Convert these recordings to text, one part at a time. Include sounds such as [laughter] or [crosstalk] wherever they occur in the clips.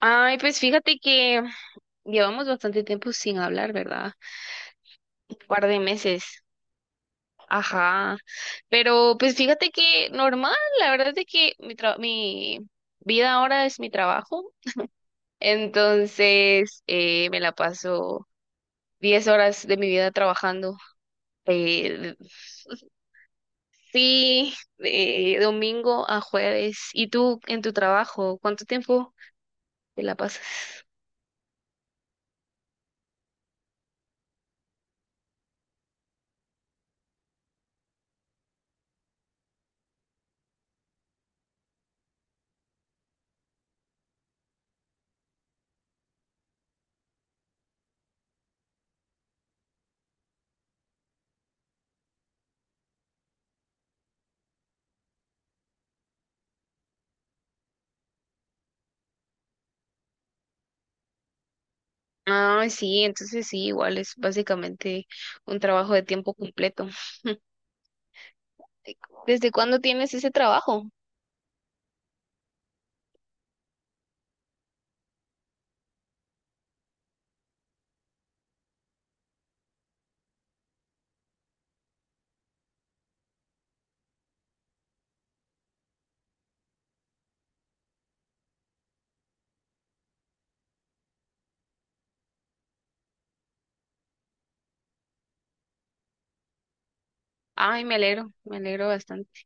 Ay, pues fíjate que llevamos bastante tiempo sin hablar, ¿verdad? Un par de meses. Ajá. Pero pues fíjate que normal, la verdad es de que mi vida ahora es mi trabajo. Entonces, me la paso 10 horas de mi vida trabajando. Eh, sí, de domingo a jueves. ¿Y tú en tu trabajo, cuánto tiempo te la pasas? Ah, sí, entonces sí, igual es básicamente un trabajo de tiempo completo. ¿Desde cuándo tienes ese trabajo? Ay, me alegro bastante.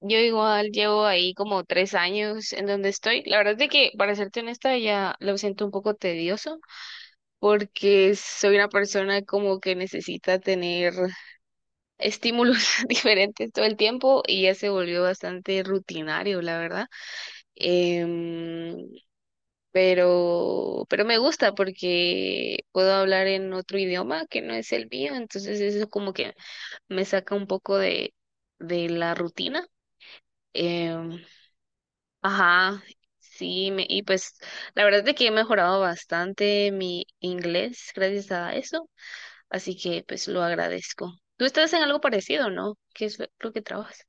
Yo igual llevo ahí como 3 años en donde estoy. La verdad es de que, para serte honesta, ya lo siento un poco tedioso porque soy una persona como que necesita tener estímulos [laughs] diferentes todo el tiempo y ya se volvió bastante rutinario, la verdad. Em, pero me gusta porque puedo hablar en otro idioma que no es el mío, entonces eso como que me saca un poco de la rutina. Em, ajá, sí, y pues la verdad es que he mejorado bastante mi inglés gracias a eso, así que pues lo agradezco. ¿Tú estás en algo parecido, no? ¿Qué es lo que trabajas?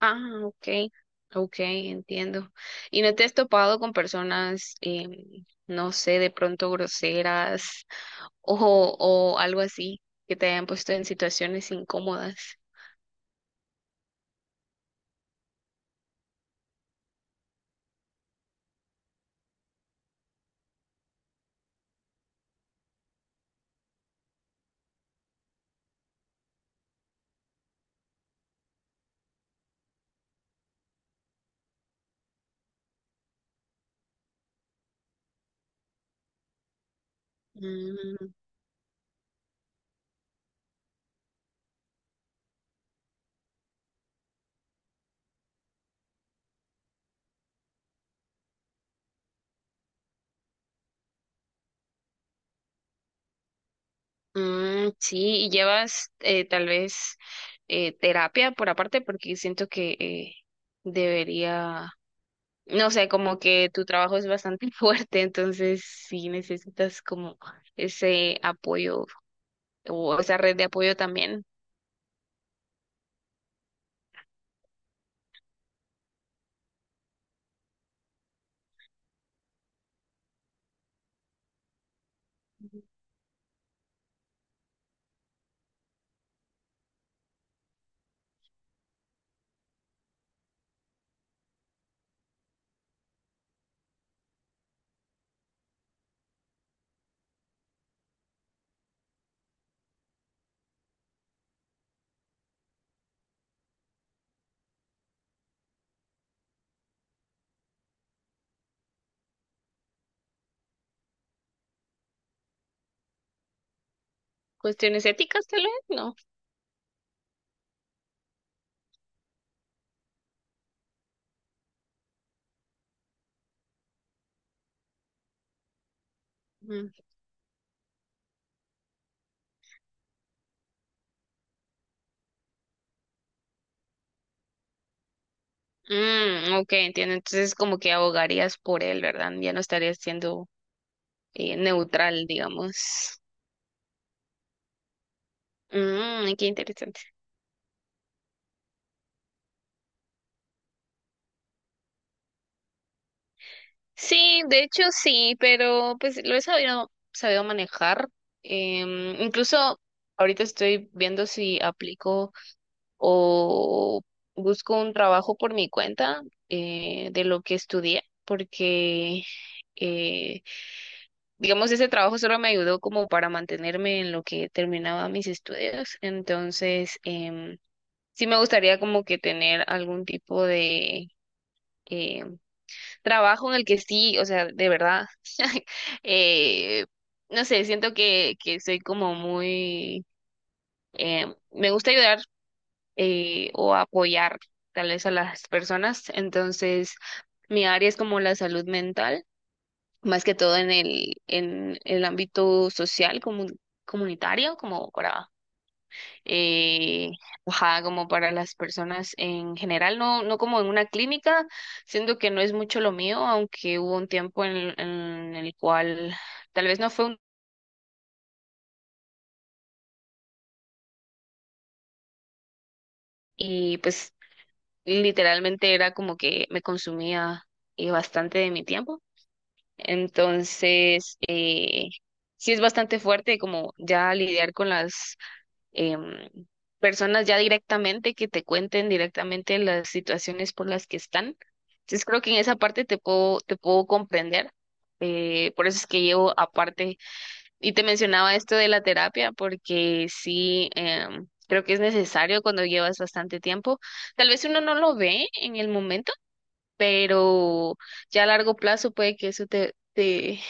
Ah, ok, ok, entiendo. ¿Y no te has topado con personas, no sé, de pronto groseras o algo así, que te hayan puesto en situaciones incómodas? Mm, mm, sí, y llevas tal vez terapia por aparte, porque siento que debería, no sé, como que tu trabajo es bastante [laughs] fuerte, entonces sí necesitas como ese apoyo o esa red de apoyo también. ¿Cuestiones éticas tal vez? No. Mm. Mm, ok, entiendo. Entonces como que abogarías por él, ¿verdad? Ya no estarías siendo neutral, digamos. Mm, qué interesante. Sí, de hecho sí, pero pues lo he sabido manejar. Incluso ahorita estoy viendo si aplico o busco un trabajo por mi cuenta, de lo que estudié, porque eh, digamos, ese trabajo solo me ayudó como para mantenerme en lo que terminaba mis estudios. Entonces, sí me gustaría como que tener algún tipo de em, trabajo en el que sí, o sea, de verdad, [laughs] eh, no sé, siento que soy como muy, me gusta ayudar, o apoyar tal vez a las personas. Entonces, mi área es como la salud mental, más que todo en en el ámbito social, comunitario, como para, eh, ajá, como para las personas en general, no, no como en una clínica, siendo que no es mucho lo mío, aunque hubo un tiempo en el cual tal vez no fue un, y pues literalmente era como que me consumía, bastante de mi tiempo. Entonces, sí es bastante fuerte como ya lidiar con las em, personas ya directamente que te cuenten directamente las situaciones por las que están. Entonces creo que en esa parte te puedo comprender. Por eso es que llevo aparte, y te mencionaba esto de la terapia, porque sí, creo que es necesario cuando llevas bastante tiempo. Tal vez uno no lo ve en el momento, pero ya a largo plazo puede que eso te, te,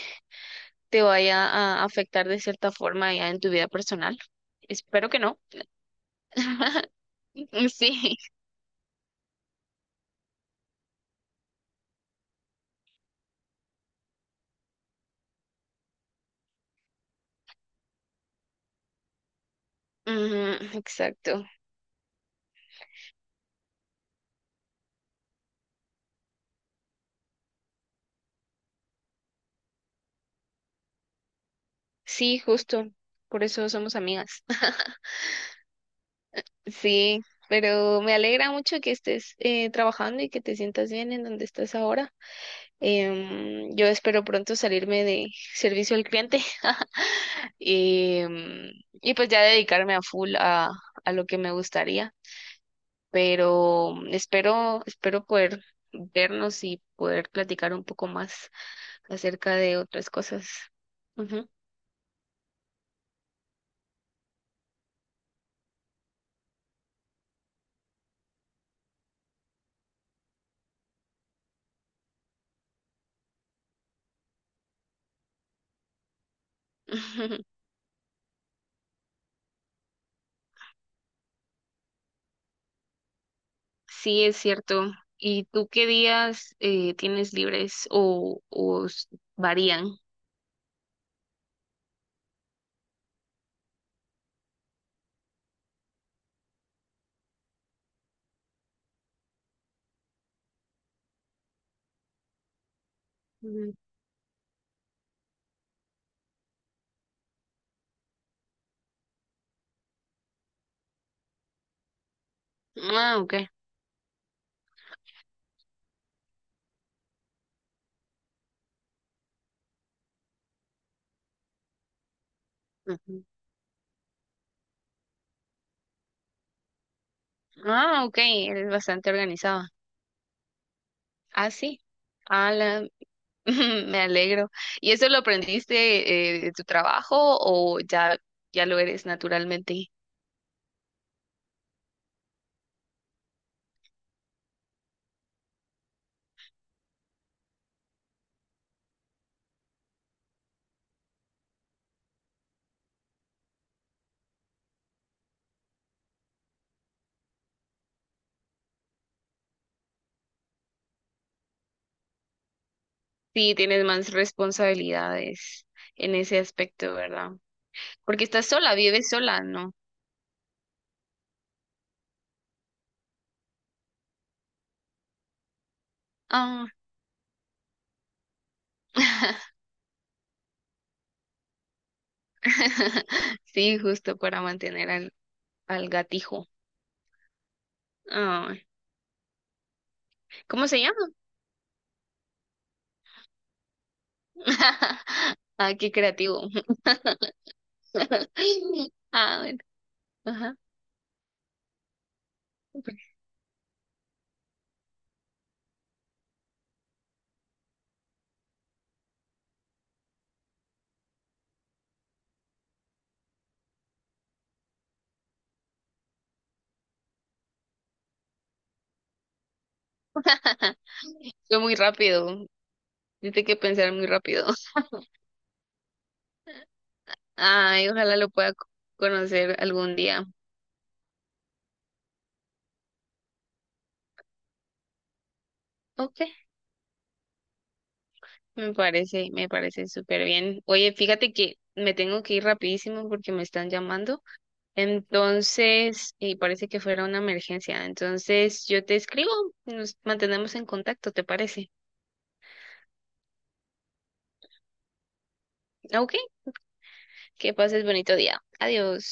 te vaya a afectar de cierta forma ya en tu vida personal. Espero que no. [laughs] [laughs] Sí, ujú, exacto. Sí, justo. Por eso somos amigas. [laughs] Sí, pero me alegra mucho que estés trabajando y que te sientas bien en donde estás ahora. Yo espero pronto salirme de servicio al cliente. [laughs] Em, y pues ya dedicarme a full a lo que me gustaría. Pero espero, espero poder vernos y poder platicar un poco más acerca de otras cosas. Ujú. [laughs] Sí, es cierto. ¿Y tú qué días tienes libres o varían? Ujú. Ah, ok. Ujú. Ah, ok, eres bastante organizada. Ah, sí. Ala, [laughs] me alegro. ¿Y eso lo aprendiste, de tu trabajo o ya lo eres naturalmente? Sí, tienes más responsabilidades en ese aspecto, ¿verdad? Porque estás sola, vives sola, ¿no? Ah. [laughs] Sí, justo para mantener al gatijo. Ah, ¿cómo se llama? [laughs] Ah, qué creativo. [laughs] Ah, bueno, ajá. [laughs] Fue muy rápido. Tiene que pensar muy rápido. [laughs] Ay, ojalá lo pueda conocer algún día. Ok, me parece súper bien. Oye, fíjate que me tengo que ir rapidísimo porque me están llamando. Entonces, y parece que fuera una emergencia. Entonces, yo te escribo, nos mantenemos en contacto, ¿te parece? Ok. Que pases bonito día. Adiós.